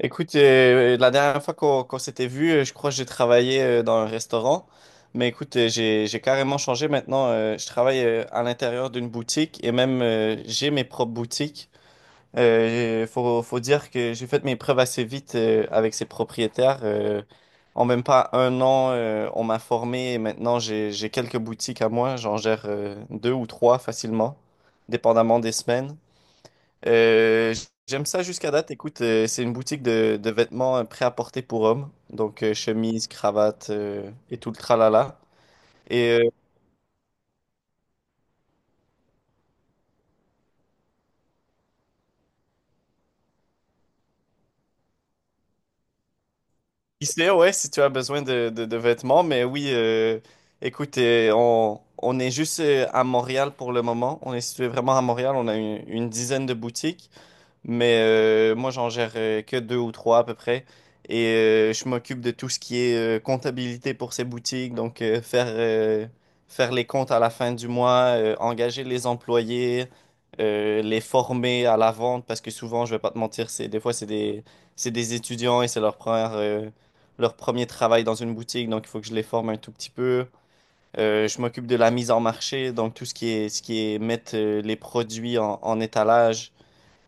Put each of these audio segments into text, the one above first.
Écoute, la dernière fois qu'on s'était vu, je crois que j'ai travaillé dans un restaurant. Mais écoute, j'ai carrément changé maintenant. Je travaille à l'intérieur d'une boutique et même j'ai mes propres boutiques. Faut dire que j'ai fait mes preuves assez vite avec ces propriétaires. En même pas un an, on m'a formé et maintenant j'ai quelques boutiques à moi. J'en gère deux ou trois facilement, dépendamment des semaines. Euh, J'aime ça jusqu'à date. Écoute, c'est une boutique de vêtements prêt-à-porter pour hommes. Donc, chemise, cravate et tout le tralala. Et qui sait, ouais, si tu as besoin de vêtements. Mais oui, écoute, on est juste à Montréal pour le moment. On est situé vraiment à Montréal. On a une dizaine de boutiques. Mais moi, j'en gère que deux ou trois à peu près. Et je m'occupe de tout ce qui est comptabilité pour ces boutiques. Donc, faire les comptes à la fin du mois, engager les employés, les former à la vente. Parce que souvent, je vais pas te mentir, des fois, c'est des étudiants et c'est leur premier travail dans une boutique. Donc, il faut que je les forme un tout petit peu. Je m'occupe de la mise en marché. Donc, tout ce qui est mettre les produits en étalage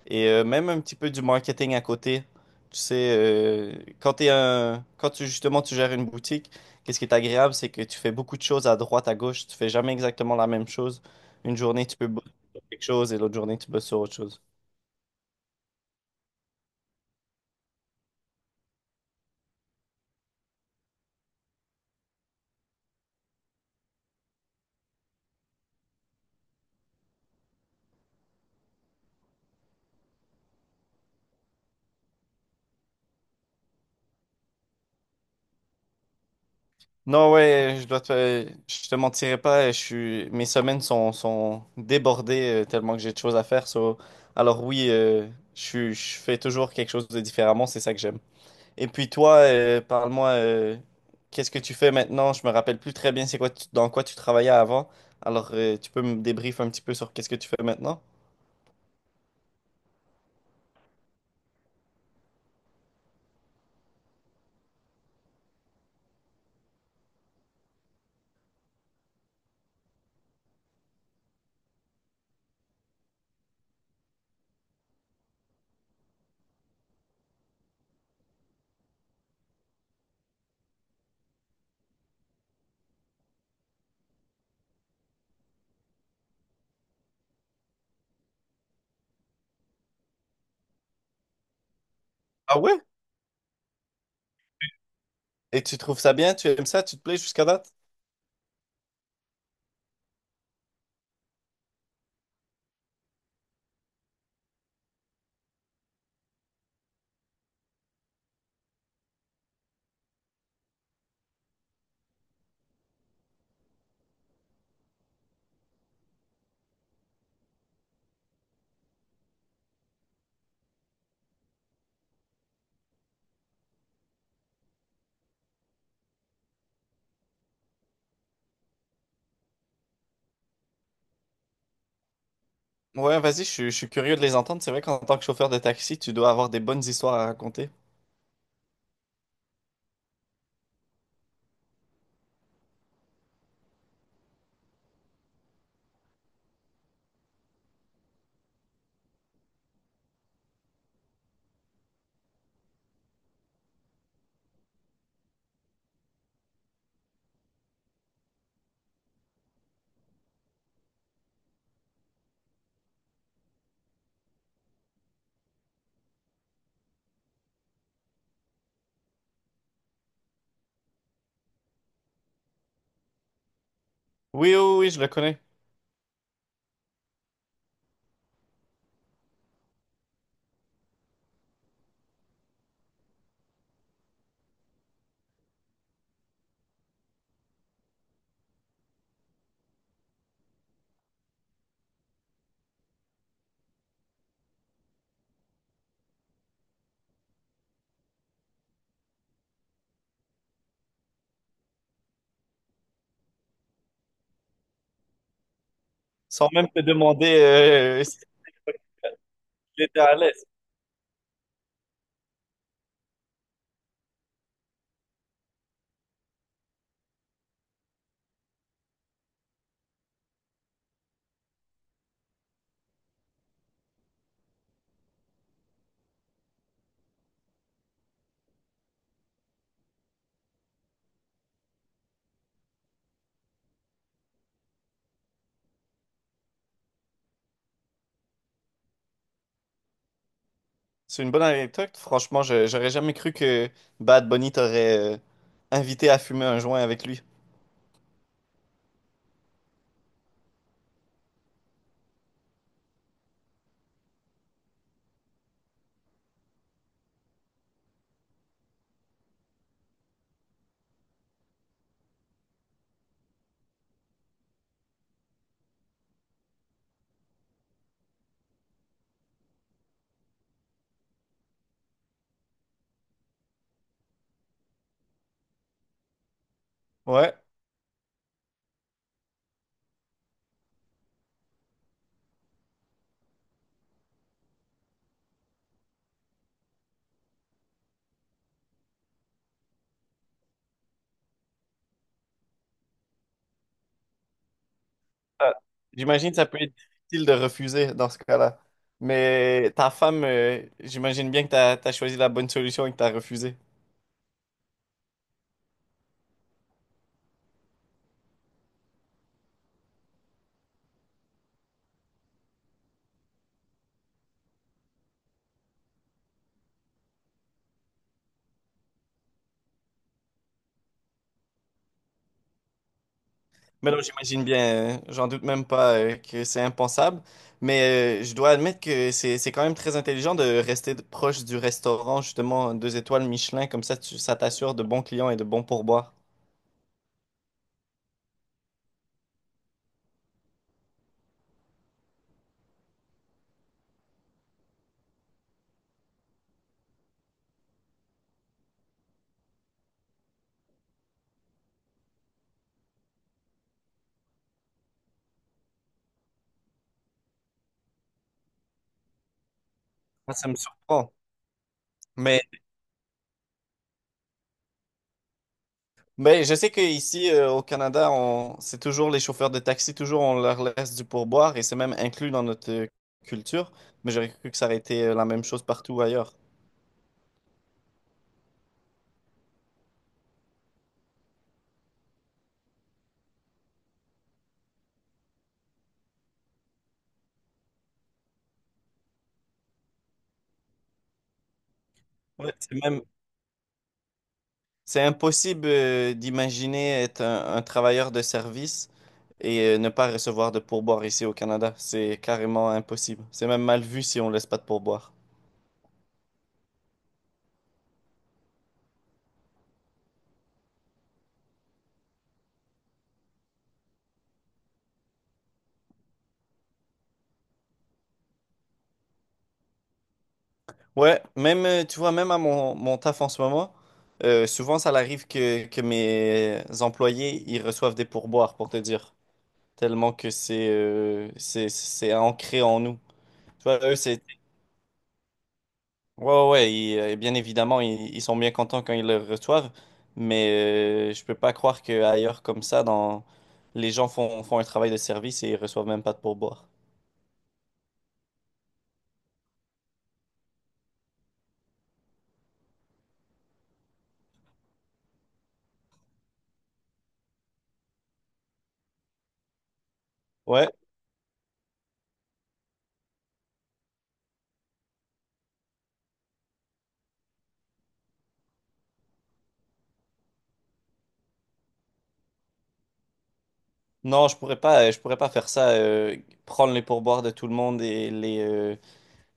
et même un petit peu du marketing à côté. Tu sais, quand tu justement tu gères une boutique, qu'est-ce qui est agréable, c'est que tu fais beaucoup de choses à droite, à gauche. Tu fais jamais exactement la même chose. Une journée, tu peux bosser sur quelque chose et l'autre journée, tu bosses sur autre chose. Non, ouais, je te mentirai pas. Mes semaines sont débordées tellement que j'ai de choses à faire. Alors oui, je fais toujours quelque chose de différemment. C'est ça que j'aime. Et puis toi, parle-moi, qu'est-ce que tu fais maintenant? Je me rappelle plus très bien dans quoi tu travaillais avant. Alors, tu peux me débrief un petit peu sur qu'est-ce que tu fais maintenant? Ah ouais? Et tu trouves ça bien? Tu aimes ça? Tu te plais jusqu'à date? Ouais, vas-y, je suis curieux de les entendre. C'est vrai qu'en tant que chauffeur de taxi, tu dois avoir des bonnes histoires à raconter. Oui, oui, oui, je le connais. Sans même te demander si tu étais à l'aise. C'est une bonne anecdote. Franchement, j'aurais jamais cru que Bad Bunny t'aurait invité à fumer un joint avec lui. Ouais. Ah, j'imagine que ça peut être difficile de refuser dans ce cas-là. Mais ta femme, j'imagine bien que t'as choisi la bonne solution et que t'as refusé. Mais non, j'imagine bien, j'en doute même pas, que c'est impensable. Mais je dois admettre que c'est quand même très intelligent de rester proche du restaurant, justement, deux étoiles Michelin, comme ça ça t'assure de bons clients et de bons pourboires. Moi, ça me surprend. Mais Mais je sais qu'ici, au Canada, on... c'est toujours les chauffeurs de taxi, toujours on leur laisse du pourboire et c'est même inclus dans notre culture. Mais j'aurais cru que ça aurait été la même chose partout ailleurs. Ouais, c'est même... C'est impossible d'imaginer être un travailleur de service et ne pas recevoir de pourboire ici au Canada. C'est carrément impossible. C'est même mal vu si on laisse pas de pourboire. Ouais, même, tu vois, même à mon taf en ce moment, souvent ça arrive que mes employés, ils reçoivent des pourboires, pour te dire, tellement que c'est ancré en nous. Tu vois, eux, c'est... Ouais, ouais, ouais, bien évidemment, ils sont bien contents quand ils le reçoivent, mais je peux pas croire qu'ailleurs comme ça, dans... les gens font un travail de service et ils reçoivent même pas de pourboire. Ouais, non, je pourrais pas faire ça, prendre les pourboires de tout le monde et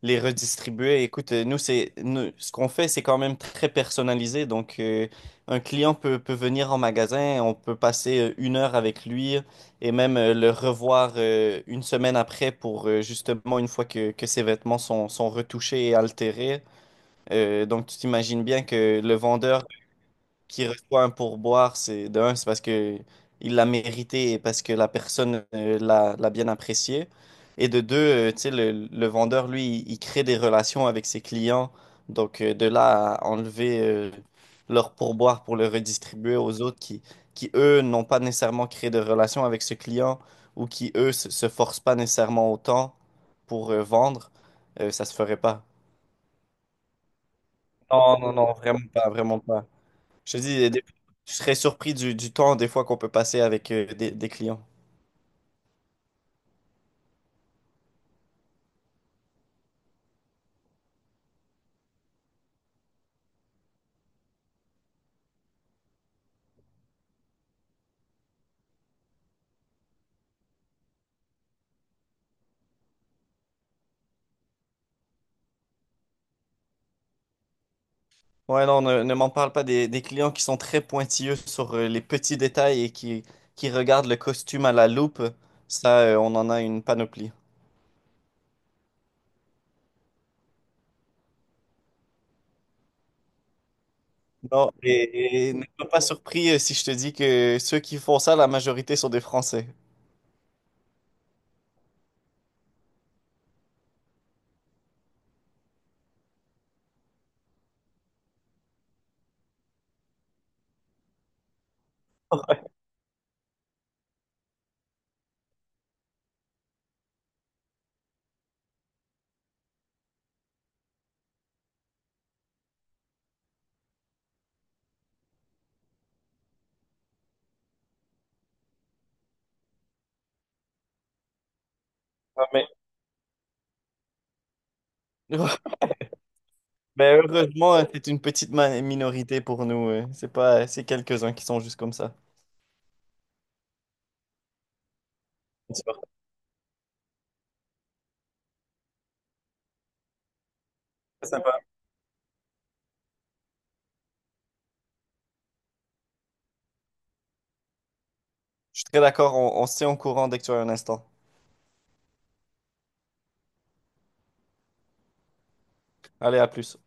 les redistribuer. Écoute, nous, ce qu'on fait, c'est quand même très personnalisé. Donc, un client peut venir en magasin, on peut passer une heure avec lui et même le revoir une semaine après pour justement, une fois que ses vêtements sont retouchés et altérés. Donc, tu t'imagines bien que le vendeur qui reçoit un pourboire, c'est de un, c'est parce que il l'a mérité et parce que la personne l'a bien apprécié. Et de deux, tu sais, le vendeur, lui, il crée des relations avec ses clients. Donc, de là à enlever leur pourboire pour le redistribuer aux autres qui eux, n'ont pas nécessairement créé de relation avec ce client ou qui, eux, se forcent pas nécessairement autant pour vendre, ça se ferait pas. Non, non, non, vraiment pas, vraiment pas. Je te dis, des- je serais surpris du temps des fois qu'on peut passer avec des clients. Ouais, non, ne m'en parle pas des clients qui sont très pointilleux sur les petits détails et qui regardent le costume à la loupe. Ça, on en a une panoplie. Non, et ne sois pas surpris si je te dis que ceux qui font ça, la majorité sont des Français. Ouais, mais, mais heureusement, c'est une petite minorité pour nous. C'est pas, c'est quelques-uns qui sont juste comme ça. C'est sympa. Je suis très d'accord, on se tient au courant dès que tu as un instant. Allez, à plus.